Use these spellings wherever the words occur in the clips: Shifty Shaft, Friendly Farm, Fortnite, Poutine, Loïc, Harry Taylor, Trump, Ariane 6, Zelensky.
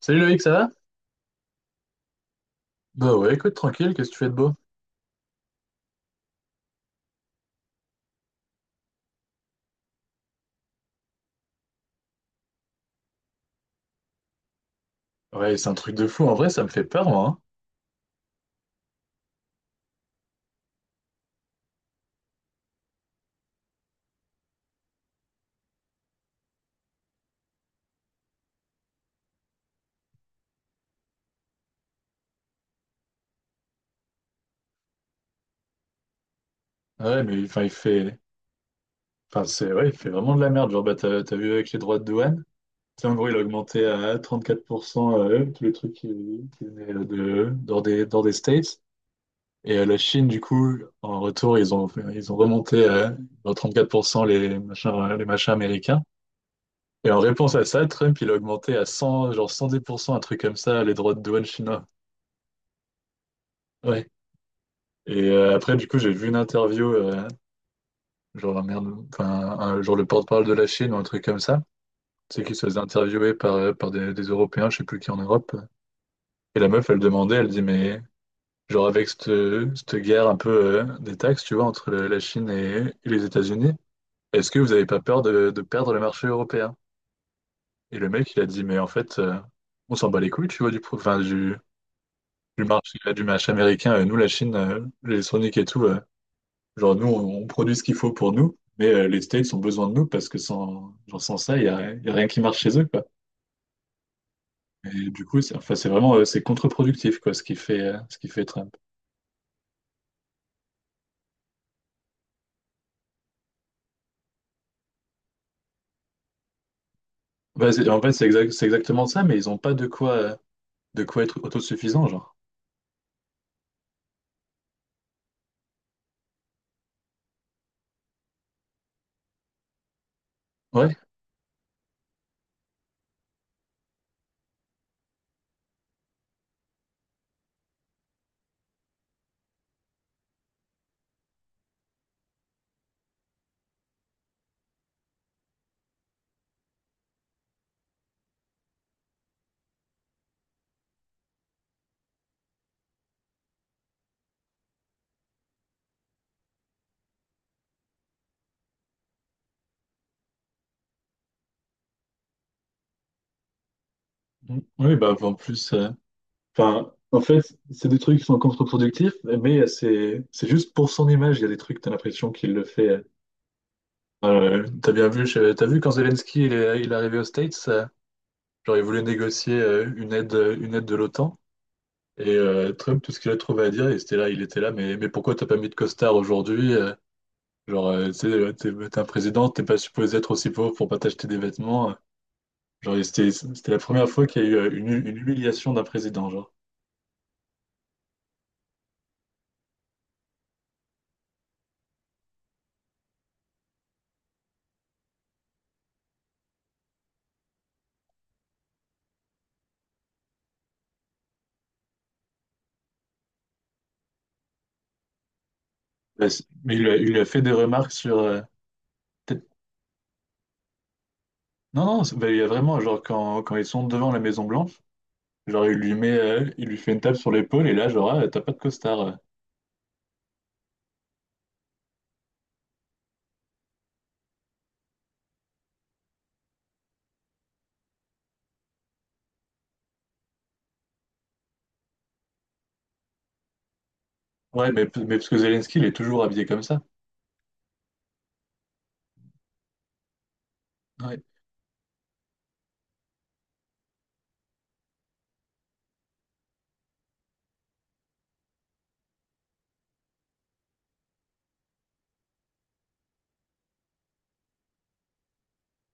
Salut Loïc, ça va? Bah ouais, écoute, tranquille, qu'est-ce que tu fais de beau? Ouais, c'est un truc de fou, en vrai, ça me fait peur, moi. Hein. Ouais, mais enfin, il fait... enfin, c'est... ouais, il fait vraiment de la merde, genre, bah, t'as vu avec les droits de douane? C'est en gros, il a augmenté à 34%, tous les trucs qui venaient de... dans des States. Et la Chine, du coup, en retour, ils ont remonté à genre, 34% les machins américains. Et en réponse à ça, Trump, il a augmenté à 100, genre 110%, un truc comme ça, les droits de douane chinois. Ouais. Et après, du coup, j'ai vu une interview, genre, un merde, enfin, genre le porte-parole de la Chine ou un truc comme ça. C'est qu'il se faisait interviewer par des Européens, je sais plus qui en Europe. Et la meuf, elle demandait, elle dit, mais genre avec cette guerre un peu des taxes, tu vois, entre la Chine et les États-Unis, est-ce que vous n'avez pas peur de perdre le marché européen? Et le mec, il a dit, mais en fait, on s'en bat les couilles, tu vois, du marché américain. Nous, la Chine, l'électronique et tout. Genre, nous, on produit ce qu'il faut pour nous, mais les States ont besoin de nous parce que sans, genre, sans ça, il y a rien qui marche chez eux, quoi. Et du coup, c'est enfin, c'est vraiment c'est contre-productif, quoi, ce qui fait, Trump. Bah, en fait, c'est exactement ça, mais ils n'ont pas de quoi être autosuffisants, genre. Ouais. Mm. Oui, bah, en plus, en fait, c'est des trucs qui sont contre-productifs, mais c'est juste pour son image, il y a des trucs, t'as l'impression qu'il le fait. T'as bien vu, t'as vu quand Zelensky il est arrivé aux States. Genre, il voulait négocier une aide, de l'OTAN. Et Trump, tout ce qu'il a trouvé à dire, il était là, mais pourquoi t'as pas mis de costard aujourd'hui? Genre, tu sais, t'es un président, t'es pas supposé être aussi pauvre pour pas t'acheter des vêtements. Genre, c'était la première fois qu'il y a eu une humiliation d'un président, genre. Bah, mais il a fait des remarques sur... peut-être- non, non, bah, il y a vraiment, genre, quand ils sont devant la Maison-Blanche, genre, il lui fait une tape sur l'épaule, et là, genre, ah, t'as pas de costard. Ouais, mais parce que Zelensky, il est toujours habillé comme ça. Ouais.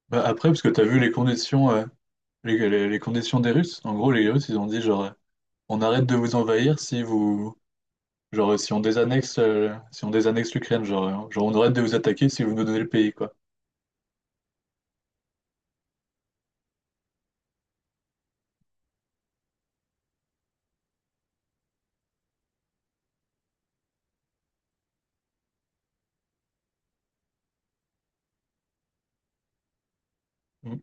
Bah, après, parce que tu as vu les conditions, les conditions des Russes. En gros, les Russes, ils ont dit genre, on arrête de vous envahir si vous, genre, si on désannexe l'Ukraine, genre, on arrête de vous attaquer si vous nous donnez le pays, quoi. Mm.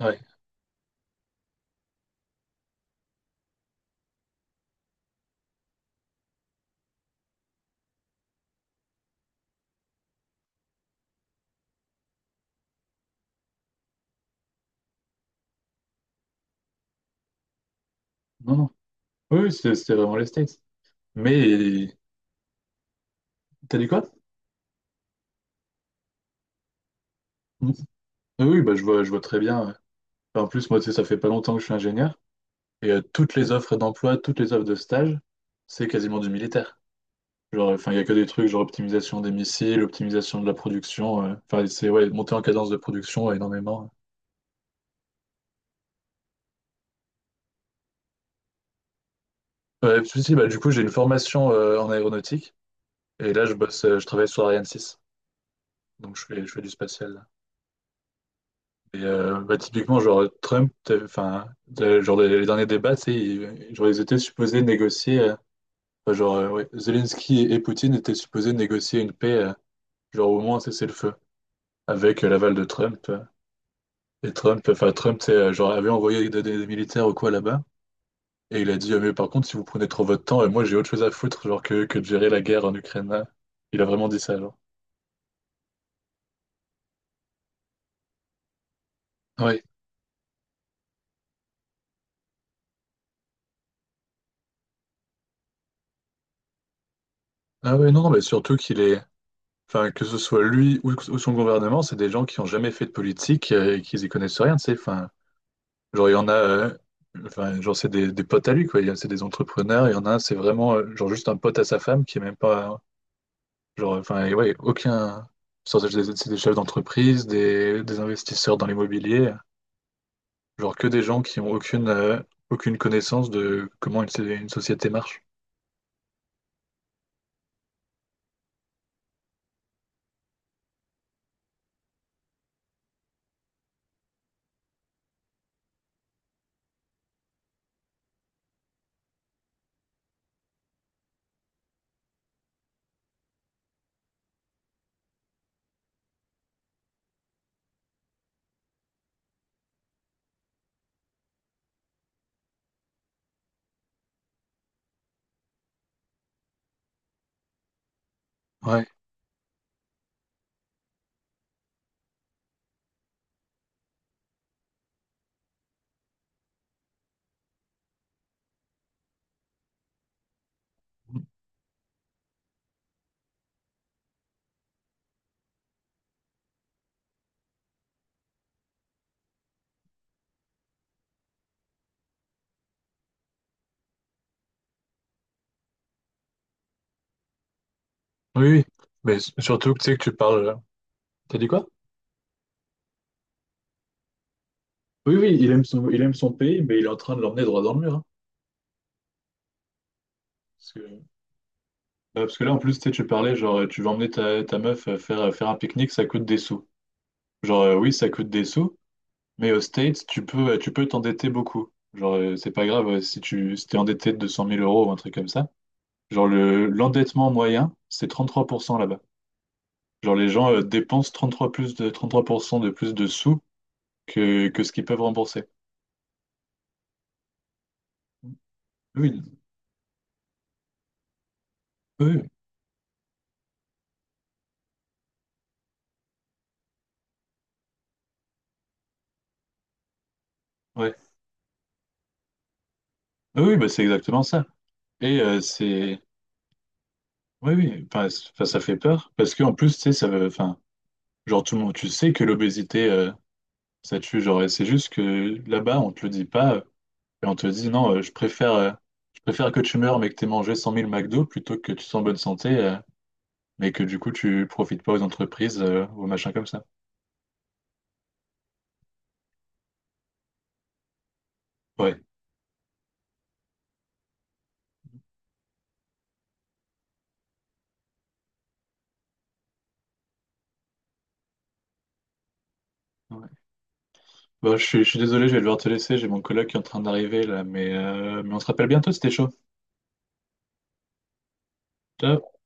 Ouais. Non, non. Oui, oui, c'était vraiment les States. Mais t'as dit quoi? Mm. Ah oui, bah je vois très bien. Ouais. Enfin, en plus, moi, tu sais, ça fait pas longtemps que je suis ingénieur et toutes les offres d'emploi, toutes les offres de stage, c'est quasiment du militaire. Genre, enfin, il n'y a que des trucs, genre optimisation des missiles, optimisation de la production. Enfin, c'est ouais, monter en cadence de production ouais, énormément. Ouais, puis si, bah, du coup, j'ai une formation en aéronautique. Et là, je travaille sur Ariane 6. Donc, je fais du spatial. Là. Et bah, typiquement, genre, Trump, genre, les derniers débats, tu sais, ils étaient supposés négocier. Enfin, genre, ouais, Zelensky et Poutine étaient supposés négocier une paix, genre, au moins cesser le feu avec l'aval de Trump. Et Trump, enfin Trump, c'est genre avait envoyé des militaires ou quoi là-bas. Et il a dit, ah, mais par contre, si vous prenez trop votre temps, et moi j'ai autre chose à foutre, genre que de gérer la guerre en Ukraine. Là. Il a vraiment dit ça, genre. Ouais. Ah ouais, non, non, mais surtout qu'il est. Enfin, que ce soit lui ou son gouvernement, c'est des gens qui ont jamais fait de politique et qui y connaissent rien, tu sais. Enfin, genre, il y en a. Enfin, genre, c'est des potes à lui, quoi. C'est des entrepreneurs. Il y en a un, c'est vraiment, genre, juste un pote à sa femme qui est même pas. Genre, enfin, et ouais, aucun. C'est des chefs d'entreprise, des investisseurs dans l'immobilier. Genre que des gens qui ont aucune connaissance de comment une société marche. Ouais. Oui, oui. Mais surtout que tu sais que tu parles. T'as dit quoi? Oui, oui, il aime son pays, mais il est en train de l'emmener droit dans le mur. Hein. Parce que, bah, parce que là, en plus, tu sais, tu parlais, genre, tu vas emmener ta meuf faire un pique-nique, ça coûte des sous. Genre, oui, ça coûte des sous, mais aux States, tu peux t'endetter beaucoup. Genre, c'est pas grave si t'es endetté de 200 000 euros ou un truc comme ça. Genre, l'endettement moyen, c'est 33% là-bas. Genre, les gens dépensent 33% de plus de sous que ce qu'ils peuvent rembourser. Oui, oui, ouais. Ah oui, bah, c'est exactement ça. Et c'est. Oui, oui, enfin, enfin, ça fait peur. Parce qu'en plus, tu sais, ça veut. Enfin, genre, tout le monde, tu sais que l'obésité, ça tue. Genre, et c'est juste que là-bas, on te le dit pas. Et on te dit, non, je préfère que tu meurs, mais que tu aies mangé 100 000 McDo plutôt que tu sois en bonne santé, mais que du coup, tu profites pas aux entreprises, ou aux machins comme ça. Ouais. Ouais. Bah, je suis désolé, je vais devoir te laisser, j'ai mon collègue qui est en train d'arriver là, mais on se rappelle bientôt, c'était chaud. Ciao.